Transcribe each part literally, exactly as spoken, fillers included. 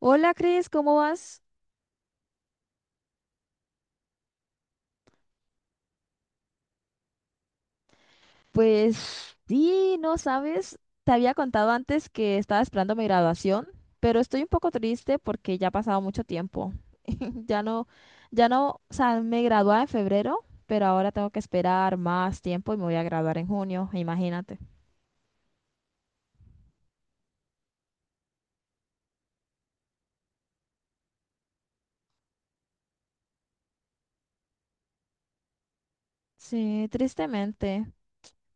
Hola, Cris, ¿cómo vas? Pues sí, no sabes, te había contado antes que estaba esperando mi graduación, pero estoy un poco triste porque ya ha pasado mucho tiempo. Ya no, ya no, o sea, me gradué en febrero, pero ahora tengo que esperar más tiempo y me voy a graduar en junio, imagínate. Sí, tristemente,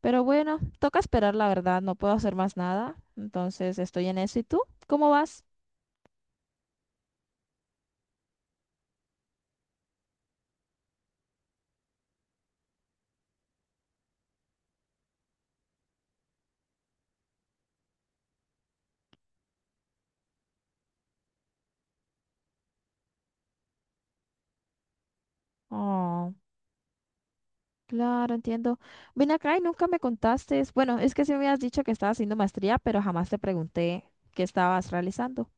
pero bueno, toca esperar, la verdad, no puedo hacer más nada, entonces estoy en eso. ¿Y tú? ¿Cómo vas? Claro, entiendo. Ven acá y nunca me contaste. Bueno, es que sí me habías dicho que estabas haciendo maestría, pero jamás te pregunté qué estabas realizando.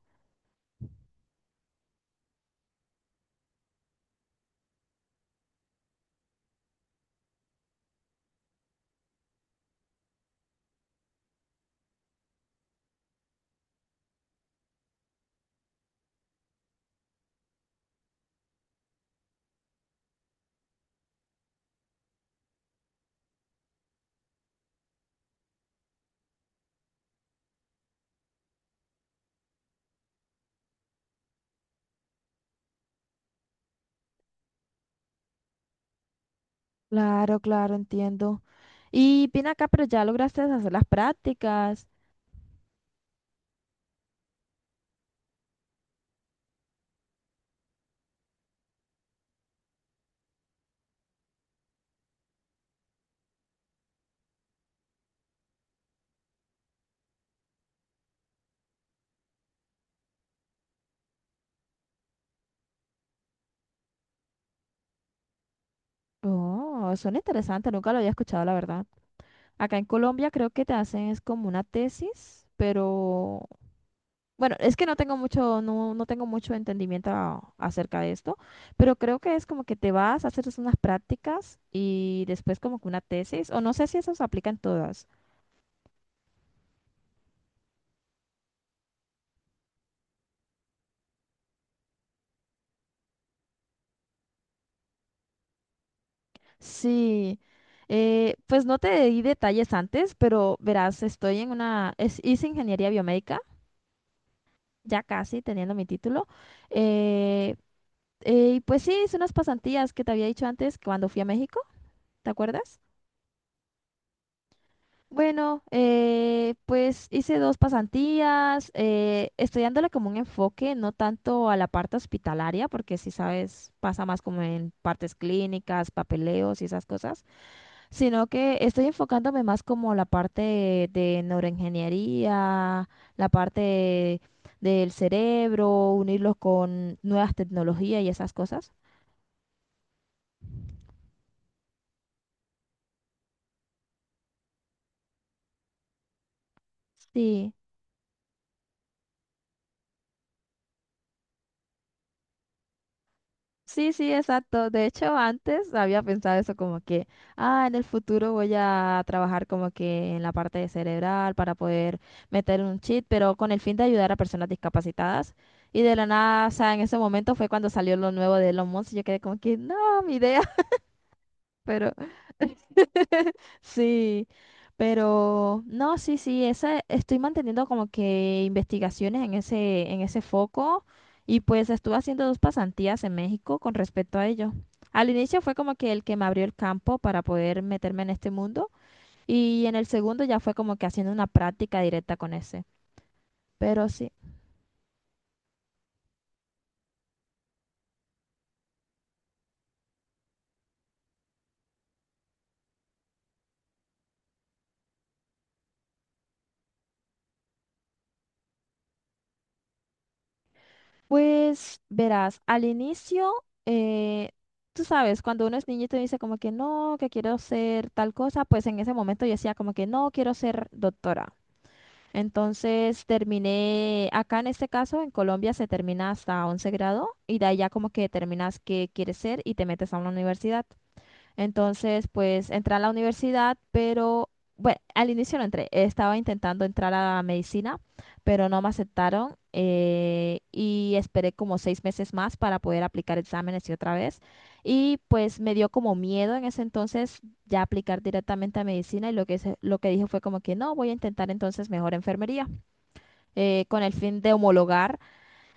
Claro, claro, entiendo. Y ven acá, pero ya lograste hacer las prácticas. Oh, son interesantes, nunca lo había escuchado, la verdad. Acá en Colombia creo que te hacen es como una tesis, pero bueno, es que no tengo mucho, no, no tengo mucho entendimiento a- acerca de esto, pero creo que es como que te vas a hacer unas prácticas y después como que una tesis, o no sé si eso se aplica en todas. Sí, eh, pues no te di detalles antes, pero verás, estoy en una, es, hice ingeniería biomédica, ya casi teniendo mi título, eh, eh, y pues sí, hice unas pasantías que te había dicho antes cuando fui a México, ¿te acuerdas? Bueno, eh, pues hice dos pasantías, eh, estudiándole como un enfoque, no tanto a la parte hospitalaria, porque si sabes, pasa más como en partes clínicas, papeleos y esas cosas, sino que estoy enfocándome más como la parte de neuroingeniería, la parte del cerebro, unirlo con nuevas tecnologías y esas cosas. Sí. Sí, sí, exacto. De hecho, antes había pensado eso como que, ah, en el futuro voy a trabajar como que en la parte de cerebral para poder meter un chip, pero con el fin de ayudar a personas discapacitadas. Y de la nada, o sea, en ese momento fue cuando salió lo nuevo de Elon Musk y yo quedé como que, no, mi idea, pero... Sí, pero no, sí, sí, esa, estoy manteniendo como que investigaciones en ese, en ese foco y pues estuve haciendo dos pasantías en México con respecto a ello. Al inicio fue como que el que me abrió el campo para poder meterme en este mundo y en el segundo ya fue como que haciendo una práctica directa con ese. Pero sí. Pues verás, al inicio, eh, tú sabes, cuando uno es niño y te dice como que no, que quiero ser tal cosa, pues en ese momento yo decía como que no, quiero ser doctora. Entonces terminé, acá en este caso, en Colombia se termina hasta once grado y de ahí ya como que determinas qué quieres ser y te metes a una universidad. Entonces, pues entré a la universidad, pero bueno, al inicio no entré. Estaba intentando entrar a medicina, pero no me aceptaron eh, y esperé como seis meses más para poder aplicar exámenes y otra vez. Y pues me dio como miedo en ese entonces ya aplicar directamente a medicina y lo que, se- lo que dije fue como que no, voy a intentar entonces mejor enfermería eh, con el fin de homologar.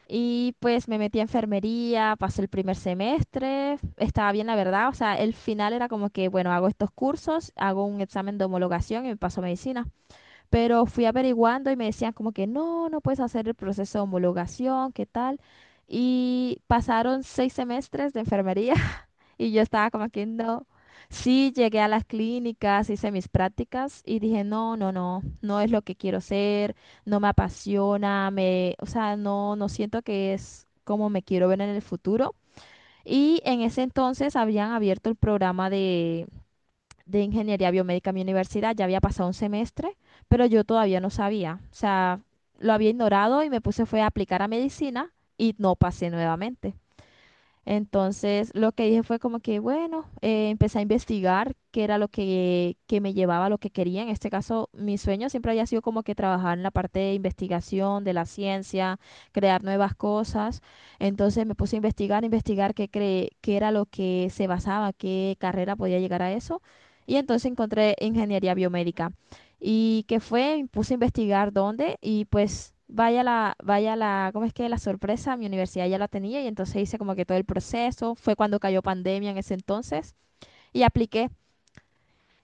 Y pues me metí a enfermería, pasé el primer semestre, estaba bien la verdad, o sea, el final era como que, bueno, hago estos cursos, hago un examen de homologación y me paso a medicina. Pero fui averiguando y me decían como que no, no puedes hacer el proceso de homologación, ¿qué tal? Y pasaron seis semestres de enfermería y yo estaba como que no. Sí, llegué a las clínicas, hice mis prácticas y dije, no, no, no, no es lo que quiero ser, no me apasiona, me, o sea, no, no siento que es como me quiero ver en el futuro. Y en ese entonces habían abierto el programa de, de ingeniería biomédica en mi universidad, ya había pasado un semestre, pero yo todavía no sabía, o sea, lo había ignorado y me puse fue a aplicar a medicina y no pasé nuevamente. Entonces, lo que dije fue como que, bueno, eh, empecé a investigar qué era lo que, que me llevaba a lo que quería. En este caso, mi sueño siempre había sido como que trabajar en la parte de investigación, de la ciencia, crear nuevas cosas. Entonces, me puse a investigar, investigar qué, cre- qué era lo que se basaba, qué carrera podía llegar a eso. Y entonces encontré ingeniería biomédica y que fue, me puse a investigar dónde y pues vaya la, vaya la, ¿cómo es que la sorpresa? Mi universidad ya la tenía y entonces hice como que todo el proceso, fue cuando cayó pandemia en ese entonces y apliqué.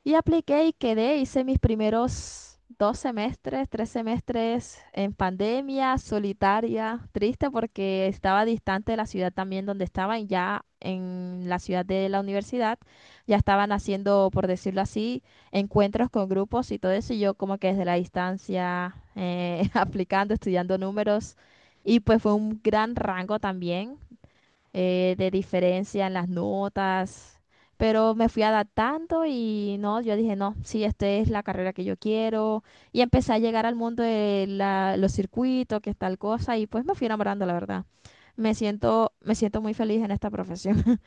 Y apliqué y quedé, hice mis primeros dos semestres, tres semestres en pandemia, solitaria, triste porque estaba distante de la ciudad también donde estaba y ya en la ciudad de la universidad ya estaban haciendo, por decirlo así, encuentros con grupos y todo eso y yo como que desde la distancia eh, aplicando, estudiando números y pues fue un gran rango también eh, de diferencia en las notas, pero me fui adaptando y no, yo dije, no, sí, esta es la carrera que yo quiero y empecé a llegar al mundo de la- los circuitos, que es tal cosa y pues me fui enamorando, la verdad. Me siento, me siento muy feliz en esta profesión.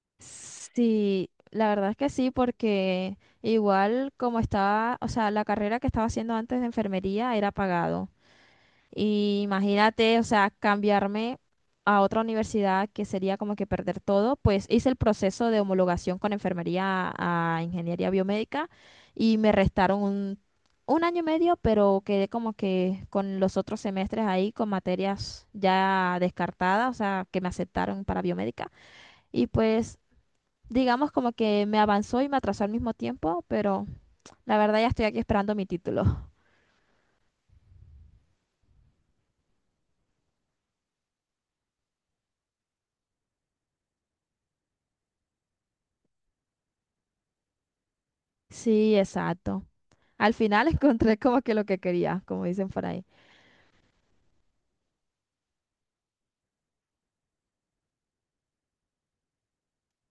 Sí, la verdad es que sí, porque igual como estaba, o sea, la carrera que estaba haciendo antes de enfermería era pagado. Y imagínate, o sea, cambiarme a otra universidad que sería como que perder todo, pues hice el proceso de homologación con enfermería a ingeniería biomédica y me restaron un, un año y medio, pero quedé como que con los otros semestres ahí con materias ya descartadas, o sea, que me aceptaron para biomédica. Y pues digamos como que me avanzó y me atrasó al mismo tiempo, pero la verdad ya estoy aquí esperando mi título. Sí, exacto. Al final encontré como que lo que quería, como dicen por ahí.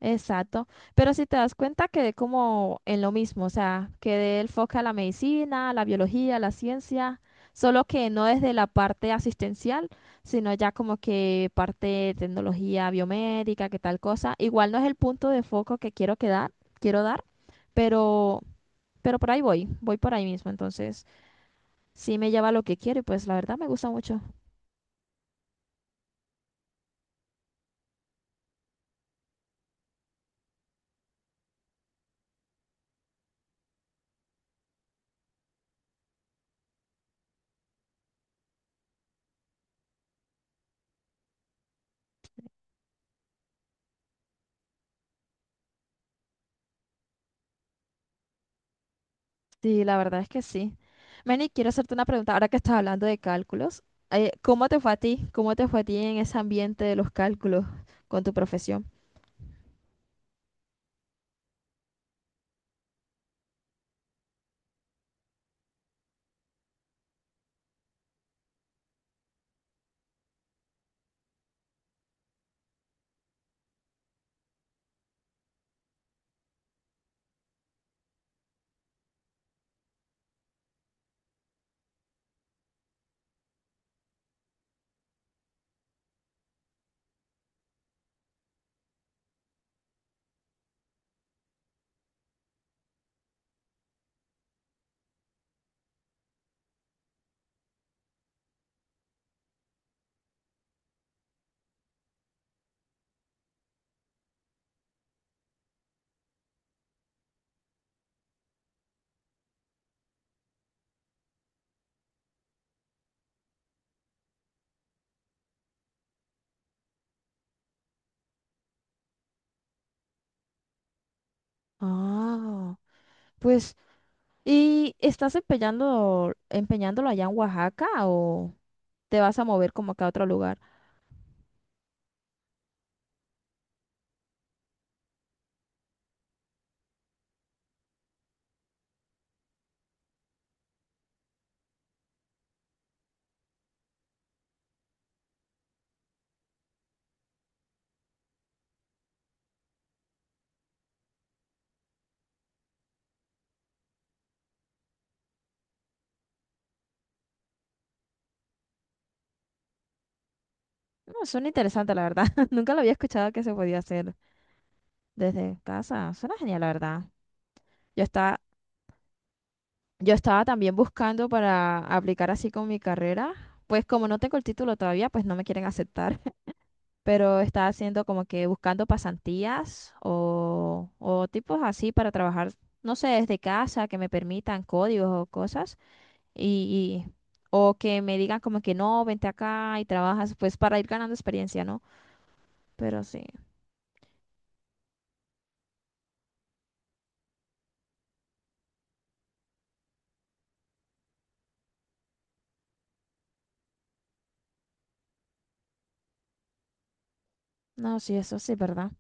Exacto. Pero si te das cuenta, quedé como en lo mismo, o sea, quedé el foco a la medicina, a la biología, a la ciencia, solo que no desde la parte asistencial, sino ya como que parte de tecnología biomédica, que tal cosa. Igual no es el punto de foco que quiero quedar, quiero dar, pero, pero por ahí voy, voy por ahí mismo. Entonces, sí me lleva a lo que quiero y pues la verdad me gusta mucho. Sí, la verdad es que sí. Manny, quiero hacerte una pregunta ahora que estás hablando de cálculos. eh, ¿Cómo te fue a ti? ¿Cómo te fue a ti en ese ambiente de los cálculos con tu profesión? Ah, pues, ¿y estás empeñando, empeñándolo allá en Oaxaca o te vas a mover como que a otro lugar? No, suena interesante, la verdad. Nunca lo había escuchado que se podía hacer desde casa. Suena genial, la verdad. Yo estaba, yo estaba también buscando para aplicar así con mi carrera. Pues como no tengo el título todavía, pues no me quieren aceptar. Pero estaba haciendo como que buscando pasantías o, o tipos así para trabajar, no sé, desde casa, que me permitan códigos o cosas. Y, y- o que me digan como que no, vente acá y trabajas, pues para ir ganando experiencia, ¿no? Pero sí, no, sí, eso sí, ¿verdad?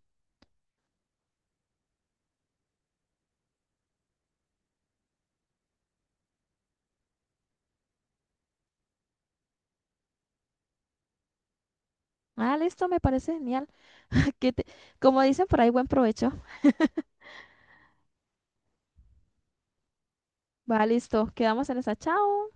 Ah, listo, me parece genial. Que te- como dicen por ahí, buen provecho. Va, listo, quedamos en esa. Chao.